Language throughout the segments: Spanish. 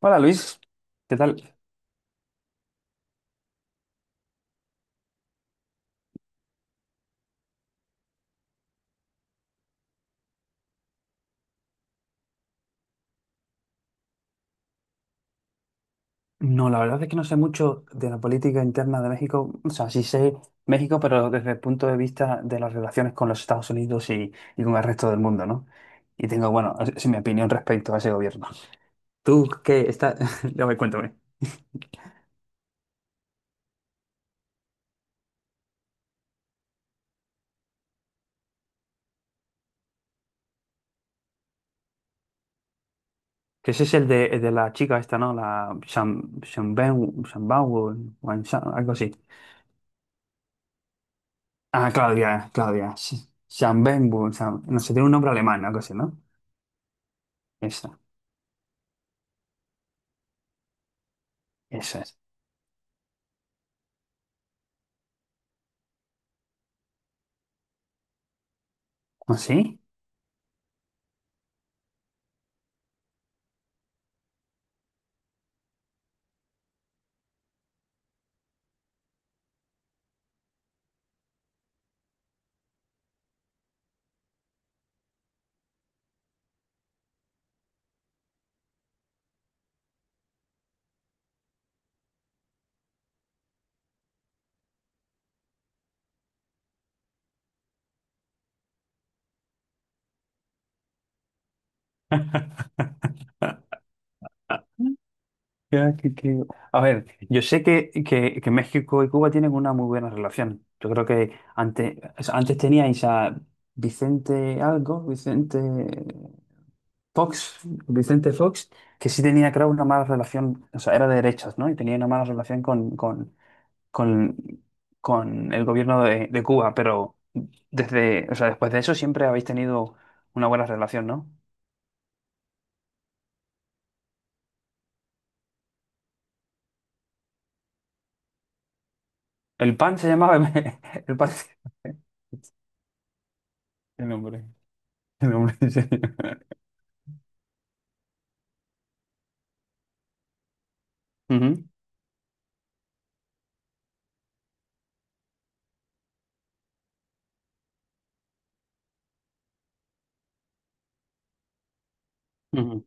Hola Luis, ¿qué tal? No, la verdad es que no sé mucho de la política interna de México. O sea, sí sé México, pero desde el punto de vista de las relaciones con los Estados Unidos y con el resto del mundo, ¿no? Y tengo, bueno, es mi opinión respecto a ese gobierno. ¿Tú qué está? Ya me cuéntame. Que ese es el de la chica esta, ¿no? La Shambawu, algo así. Ah, Claudia, Claudia. No sé, tiene un nombre alemán, algo así, ¿no? Esa, Esa es. ¿Ah, sí? Ya, que- que- A ver, yo sé que México y Cuba tienen una muy buena relación. Yo creo que antes, o sea, antes teníais a Vicente Fox, Vicente Fox, que sí tenía, creo, una mala relación, o sea, era de derechas, ¿no? Y tenía una mala relación con, con el gobierno de Cuba, pero desde, o sea, después de eso siempre habéis tenido una buena relación, ¿no? El PAN se llamaba... El PAN... El nombre. El hombre diseño. Ujú, ujú.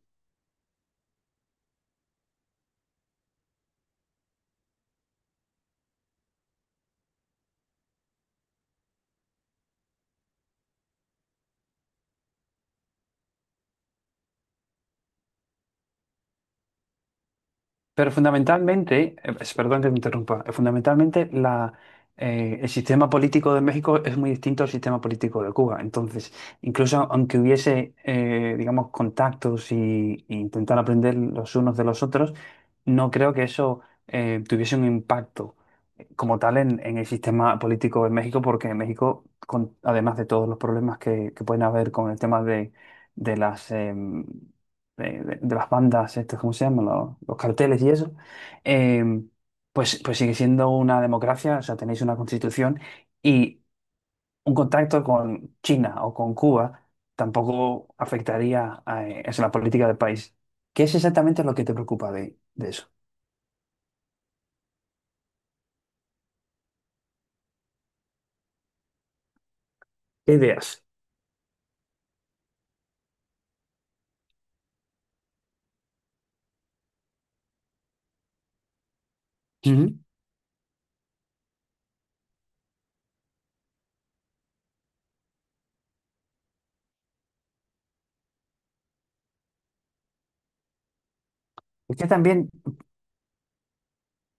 Pero fundamentalmente, perdón que te interrumpa, fundamentalmente el sistema político de México es muy distinto al sistema político de Cuba. Entonces, incluso aunque hubiese, digamos, contactos y intentar aprender los unos de los otros, no creo que eso tuviese un impacto como tal en el sistema político de México, porque en México, además de todos los problemas que pueden haber con el tema de las... de las bandas, estas, ¿cómo se llaman? Los carteles y eso, eh, pues, pues sigue siendo una democracia, o sea, tenéis una constitución y un contacto con China o con Cuba tampoco afectaría a, es la política del país. ¿Qué es exactamente lo que te preocupa de eso? ¿Qué ideas? Ujú. Es que también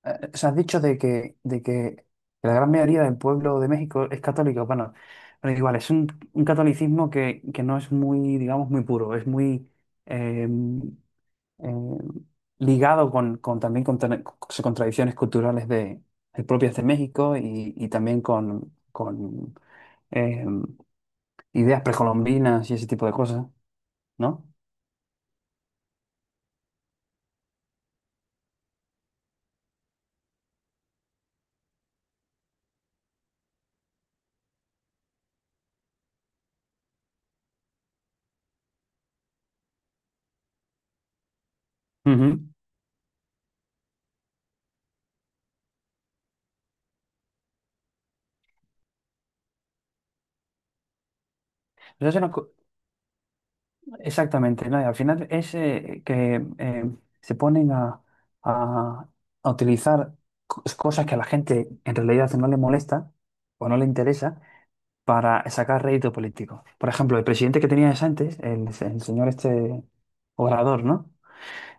o sea, has dicho de que la gran mayoría del pueblo de México es católico. Bueno, pero igual, es un catolicismo que no es muy, digamos, muy puro, es muy eh, eh, ligado con también con tradiciones culturales de propias de México y también con eh, ideas precolombinas y ese tipo de cosas, ¿no? Ujú. Pero eso no, exactamente, ¿no? Y al final es que se ponen a- a utilizar cosas que a la gente en realidad no le molesta o no le interesa para sacar rédito político. Por ejemplo, el presidente que tenías antes, el señor este Obrador, ¿no?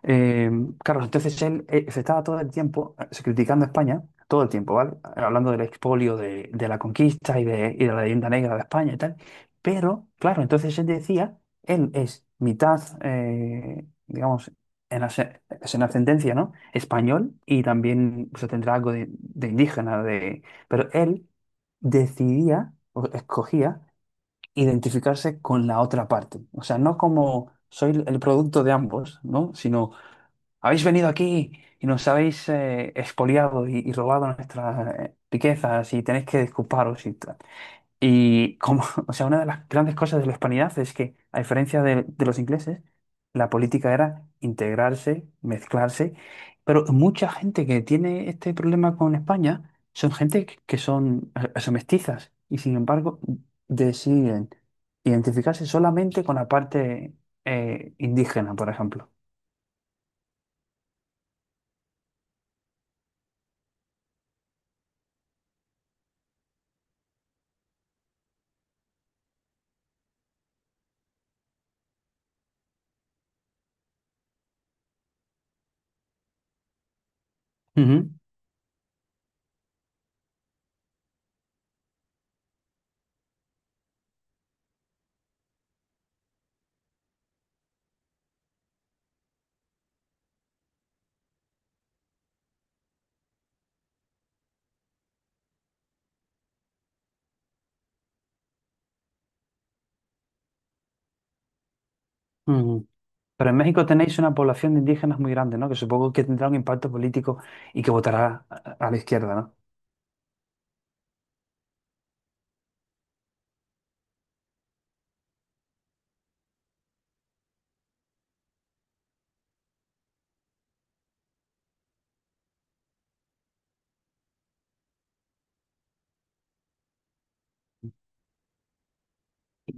Eh, claro, entonces él se estaba todo el tiempo se criticando a España, todo el tiempo, ¿vale? Hablando del expolio, de la conquista y de la leyenda negra de España y tal. Pero, claro, entonces él decía, él es mitad, digamos, es en ascendencia, ¿no? Español y también se tendrá algo de indígena, de... pero él decidía, o escogía, identificarse con la otra parte. O sea, no como soy el producto de ambos, ¿no? Sino habéis venido aquí y nos habéis expoliado y robado nuestras riquezas y tenéis que disculparos y tal. Y como, o sea, una de las grandes cosas de la hispanidad es que, a diferencia de los ingleses, la política era integrarse, mezclarse, pero mucha gente que tiene este problema con España son gente que son, son mestizas y sin embargo deciden identificarse solamente con la parte indígena, por ejemplo. Ujú. Ujú. Pero en México tenéis una población de indígenas muy grande, ¿no? Que supongo que tendrá un impacto político y que votará a la izquierda, ¿no?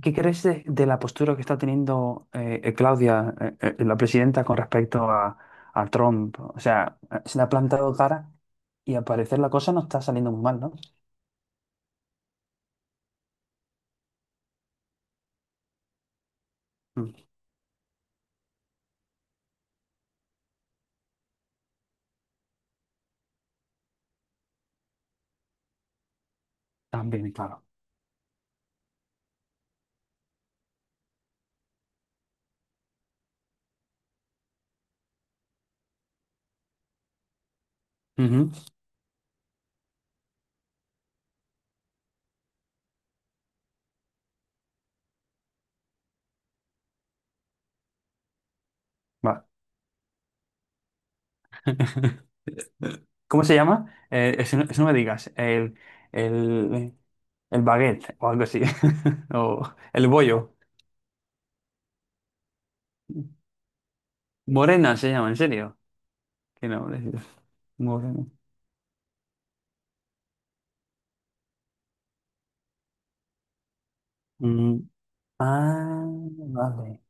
¿Qué crees de la postura que está teniendo Claudia, la presidenta, con respecto a Trump? O sea, se le ha plantado cara y al parecer la cosa no está saliendo muy mal, ¿no? Mm, también, claro. Ujú, va. ¿Cómo se llama? Eso no me digas. El, el baguette o algo así. O el bollo. Morena se llama, ¿en serio? Qué nombrecito. Morena. Mm, ah, vale.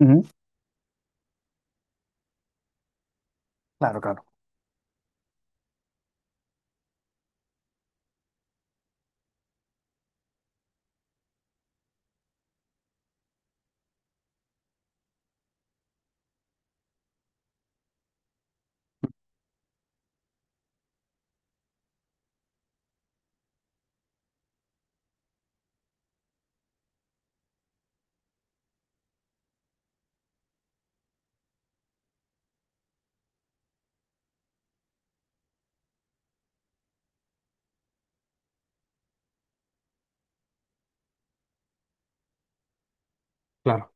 Ujú, claro, claro, claro.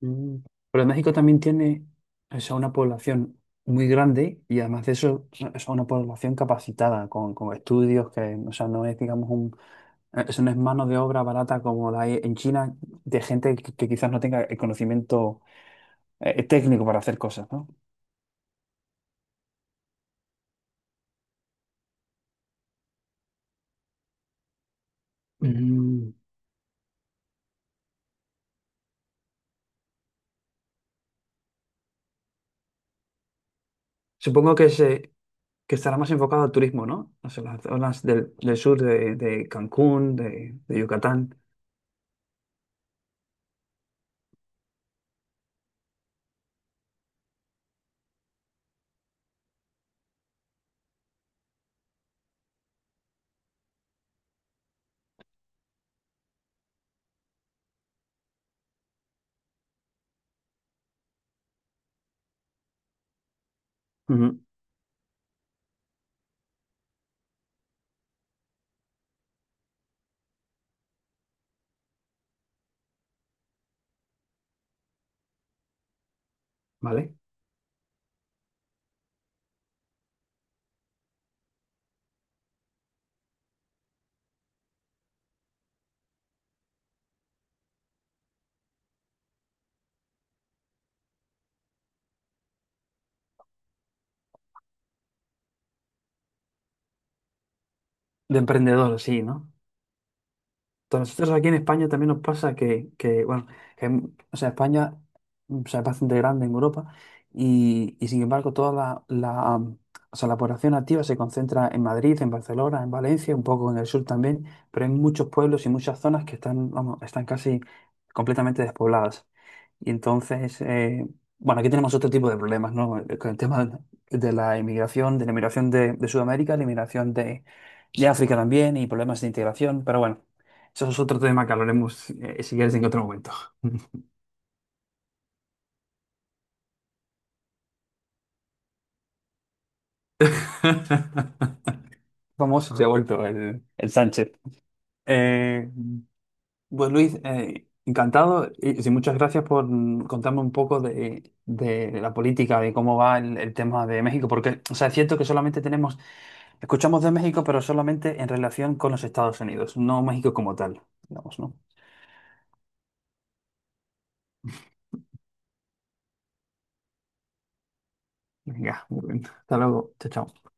Mm. Pero México también tiene o sea, una población muy grande y además de eso es una población capacitada con estudios que o sea, no es digamos un eso no es mano de obra barata como la hay en China de gente que quizás no tenga el conocimiento técnico para hacer cosas, ¿no? Mm. Supongo que se que estará más enfocado al turismo, ¿no? O sea, las zonas del, del sur de Cancún, de Yucatán, ujú. ¿Vale? De emprendedor, sí, ¿no? A nosotros aquí en España también nos pasa que, bueno, que, o sea, España o sea, es bastante grande en Europa y sin embargo toda o sea, la población activa se concentra en Madrid, en Barcelona, en Valencia, un poco en el sur también, pero hay muchos pueblos y muchas zonas que están, vamos, están casi completamente despobladas. Y entonces, bueno, aquí tenemos otro tipo de problemas, ¿no? Con el tema de la inmigración, de la inmigración de Sudamérica, la inmigración de África también y problemas de integración, pero bueno. Eso es otro tema que hablaremos, si quieres, en otro momento. Famoso se ha vuelto el Sánchez. Eh, pues Luis, encantado y, sí, muchas gracias por contarme un poco de la política, de cómo va el tema de México, porque, o sea, es cierto que solamente tenemos, escuchamos de México, pero solamente en relación con los Estados Unidos, no México como tal, digamos, ¿no? Venga, muy bien. Hasta luego. Chao, chao.